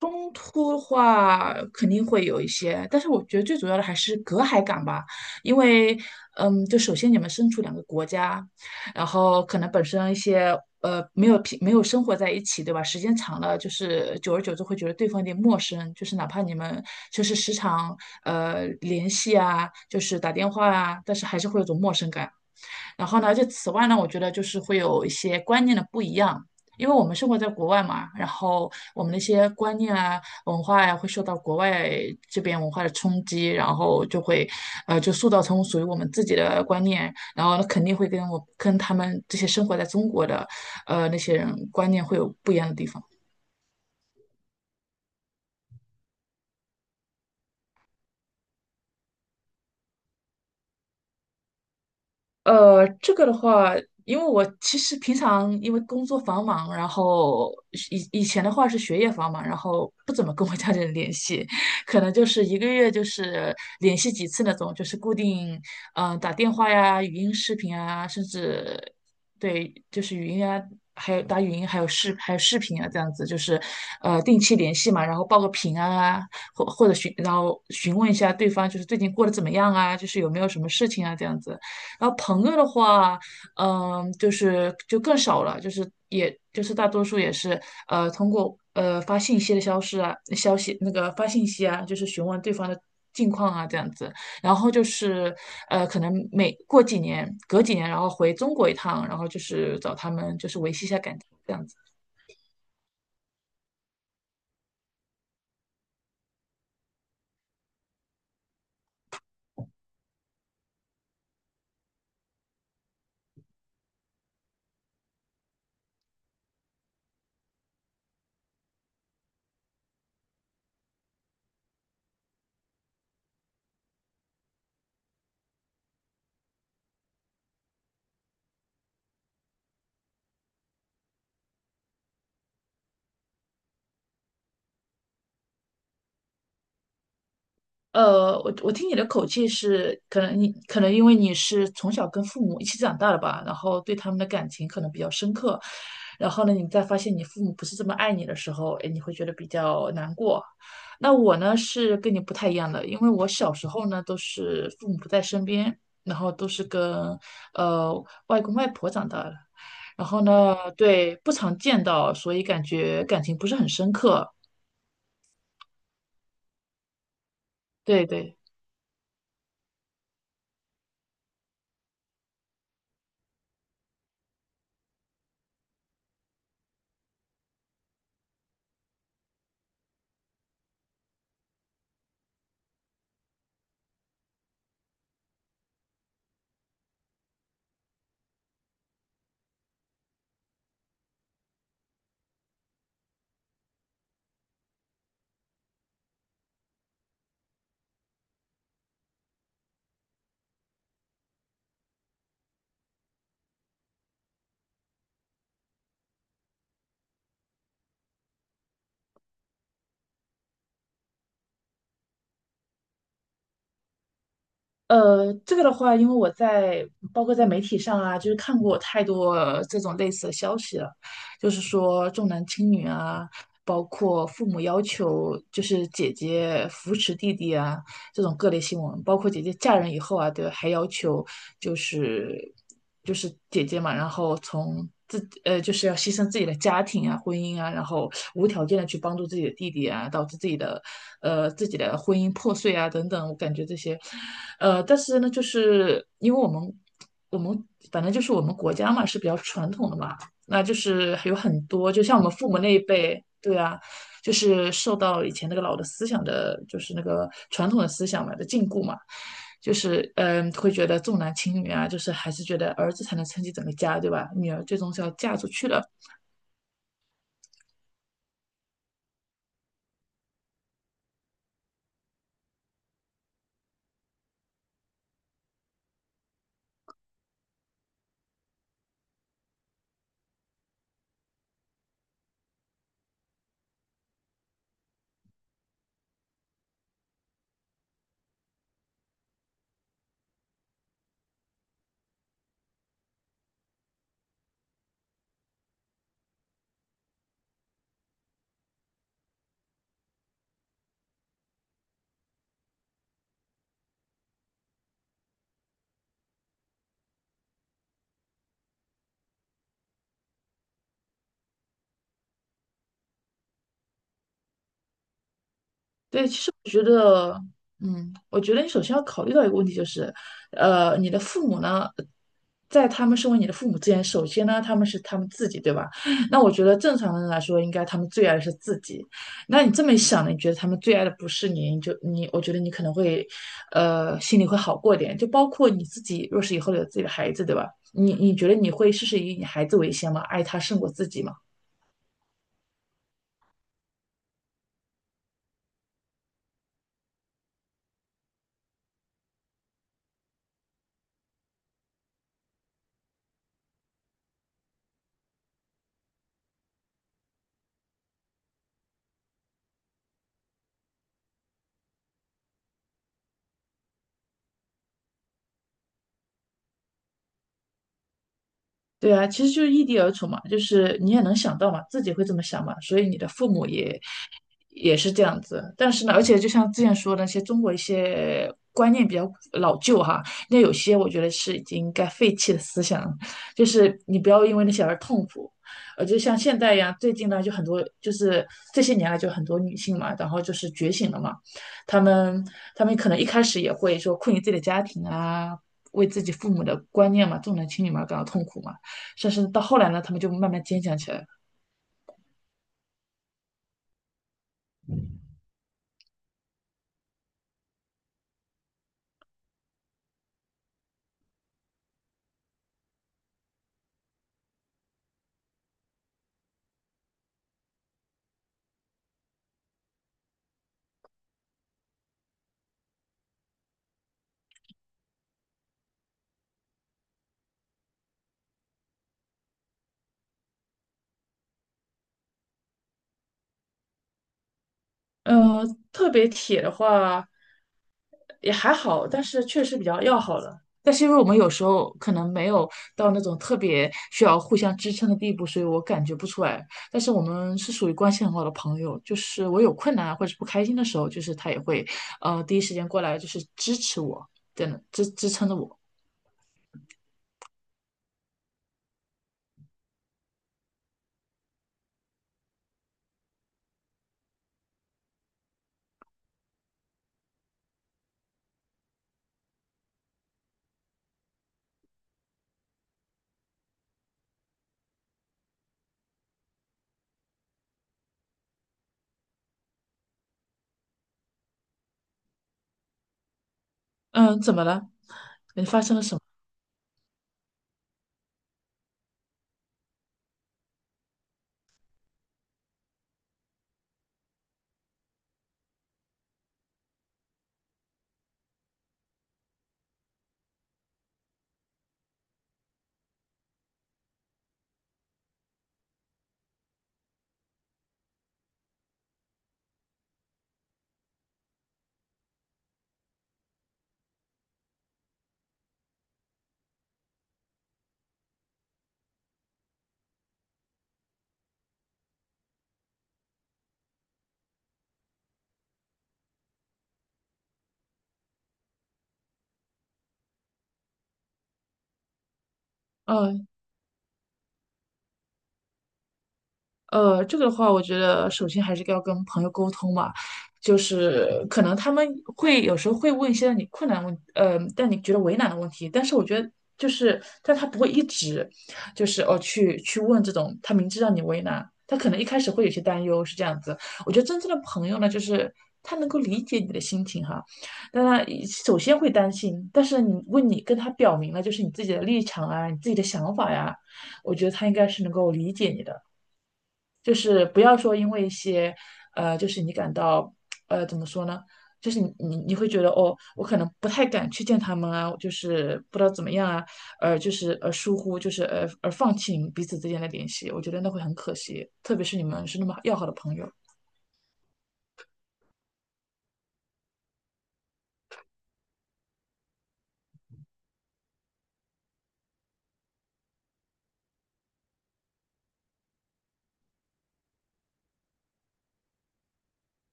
冲突的话肯定会有一些，但是我觉得最主要的还是隔阂感吧。因为，就首先你们身处两个国家，然后可能本身一些没有生活在一起，对吧？时间长了，就是久而久之会觉得对方有点陌生，就是哪怕你们就是时常联系啊，就是打电话啊，但是还是会有种陌生感。然后呢，就此外呢，我觉得就是会有一些观念的不一样，因为我们生活在国外嘛，然后我们那些观念啊、文化呀、会受到国外这边文化的冲击，然后就会，就塑造成属于我们自己的观念，然后肯定会跟我跟他们这些生活在中国的，呃，那些人观念会有不一样的地方。这个的话，因为我其实平常因为工作繁忙，然后以前的话是学业繁忙，然后不怎么跟我家里人联系，可能就是一个月就是联系几次那种，就是固定，嗯、打电话呀、语音、视频啊，甚至对，就是语音啊，还有打语音，还有视频啊，这样子就是，定期联系嘛，然后报个平安啊，或或者询然后询问一下对方就是最近过得怎么样啊，就是有没有什么事情啊，这样子。然后朋友的话，就更少了，就是也就是大多数也是通过发信息的消失啊，消息那个发信息啊，就是询问对方的近况啊这样子。然后就是可能每过几年隔几年，然后回中国一趟，然后就是找他们就是维系一下感情这样子。我听你的口气是，可能你可能因为你是从小跟父母一起长大的吧，然后对他们的感情可能比较深刻，然后呢，你再发现你父母不是这么爱你的时候，哎，你会觉得比较难过。那我呢是跟你不太一样的，因为我小时候呢都是父母不在身边，然后都是跟呃外公外婆长大的，然后呢，对，不常见到，所以感觉感情不是很深刻。对对。这个的话，因为我在包括在媒体上啊，就是看过太多这种类似的消息了，就是说重男轻女啊，包括父母要求就是姐姐扶持弟弟啊，这种各类新闻，包括姐姐嫁人以后啊，对还要求就是姐姐嘛，然后就是要牺牲自己的家庭啊、婚姻啊，然后无条件的去帮助自己的弟弟啊，导致自己的婚姻破碎啊等等，我感觉这些，呃，但是呢，就是因为我们反正就是我们国家嘛是比较传统的嘛，那就是有很多就像我们父母那一辈，对啊，就是受到以前那个老的思想的，就是那个传统的思想嘛的禁锢嘛，就是嗯，会觉得重男轻女啊，就是还是觉得儿子才能撑起整个家，对吧？女儿最终是要嫁出去的。对，其实我觉得，我觉得你首先要考虑到一个问题，就是，你的父母呢，在他们身为你的父母之前，首先呢，他们是他们自己，对吧？那我觉得正常人来说，应该他们最爱的是自己。那你这么一想呢，你觉得他们最爱的不是你，你就你，我觉得你可能会，心里会好过一点。就包括你自己，若是以后有自己的孩子，对吧？你觉得你会事事以你孩子为先吗？爱他胜过自己吗？对啊，其实就是异地而处嘛，就是你也能想到嘛，自己会这么想嘛，所以你的父母也是这样子。但是呢，而且就像之前说的那些中国一些观念比较老旧哈，那有些我觉得是已经该废弃的思想了，就是你不要因为那些而痛苦。就像现在一样，最近呢就很多，就是这些年来就很多女性嘛，然后就是觉醒了嘛。她们她们可能一开始也会说困于自己的家庭啊，为自己父母的观念嘛，重男轻女嘛感到痛苦嘛。但是到后来呢，他们就慢慢坚强起来了。呃，特别铁的话也还好，但是确实比较要好了。但是因为我们有时候可能没有到那种特别需要互相支撑的地步，所以我感觉不出来。但是我们是属于关系很好的朋友，就是我有困难或者是不开心的时候，就是他也会，第一时间过来就是支持我，真的支撑着我。嗯，怎么了？你发生了什么？嗯。这个的话，我觉得首先还是要跟朋友沟通嘛，就是可能他们会有时候会问一些让你觉得为难的问题，但是我觉得就是，但他不会一直就是哦去问这种，他明知让你为难，他可能一开始会有些担忧，是这样子。我觉得真正的朋友呢，就是他能够理解你的心情哈，但他首先会担心，但是你跟他表明了就是你自己的立场啊，你自己的想法呀，我觉得他应该是能够理解你的。就是不要说因为一些，就是你感到，怎么说呢？就是你会觉得哦，我可能不太敢去见他们啊，就是不知道怎么样啊，就是疏忽，就是而放弃你们彼此之间的联系，我觉得那会很可惜，特别是你们是那么要好的朋友。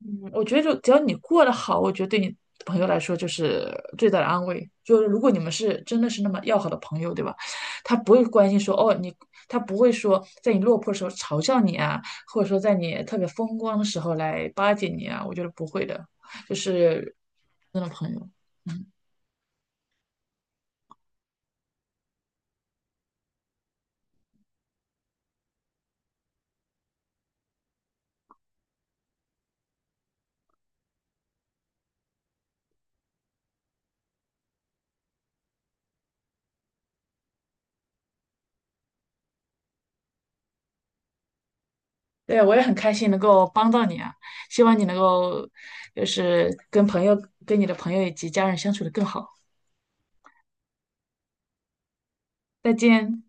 嗯，我觉得就只要你过得好，我觉得对你朋友来说就是最大的安慰。就是如果你们是真的是那么要好的朋友，对吧？他不会关心说哦你，他不会说在你落魄的时候嘲笑你啊，或者说在你特别风光的时候来巴结你啊，我觉得不会的，就是那种朋友。对，我也很开心能够帮到你啊，希望你能够就是跟你的朋友以及家人相处的更好。再见。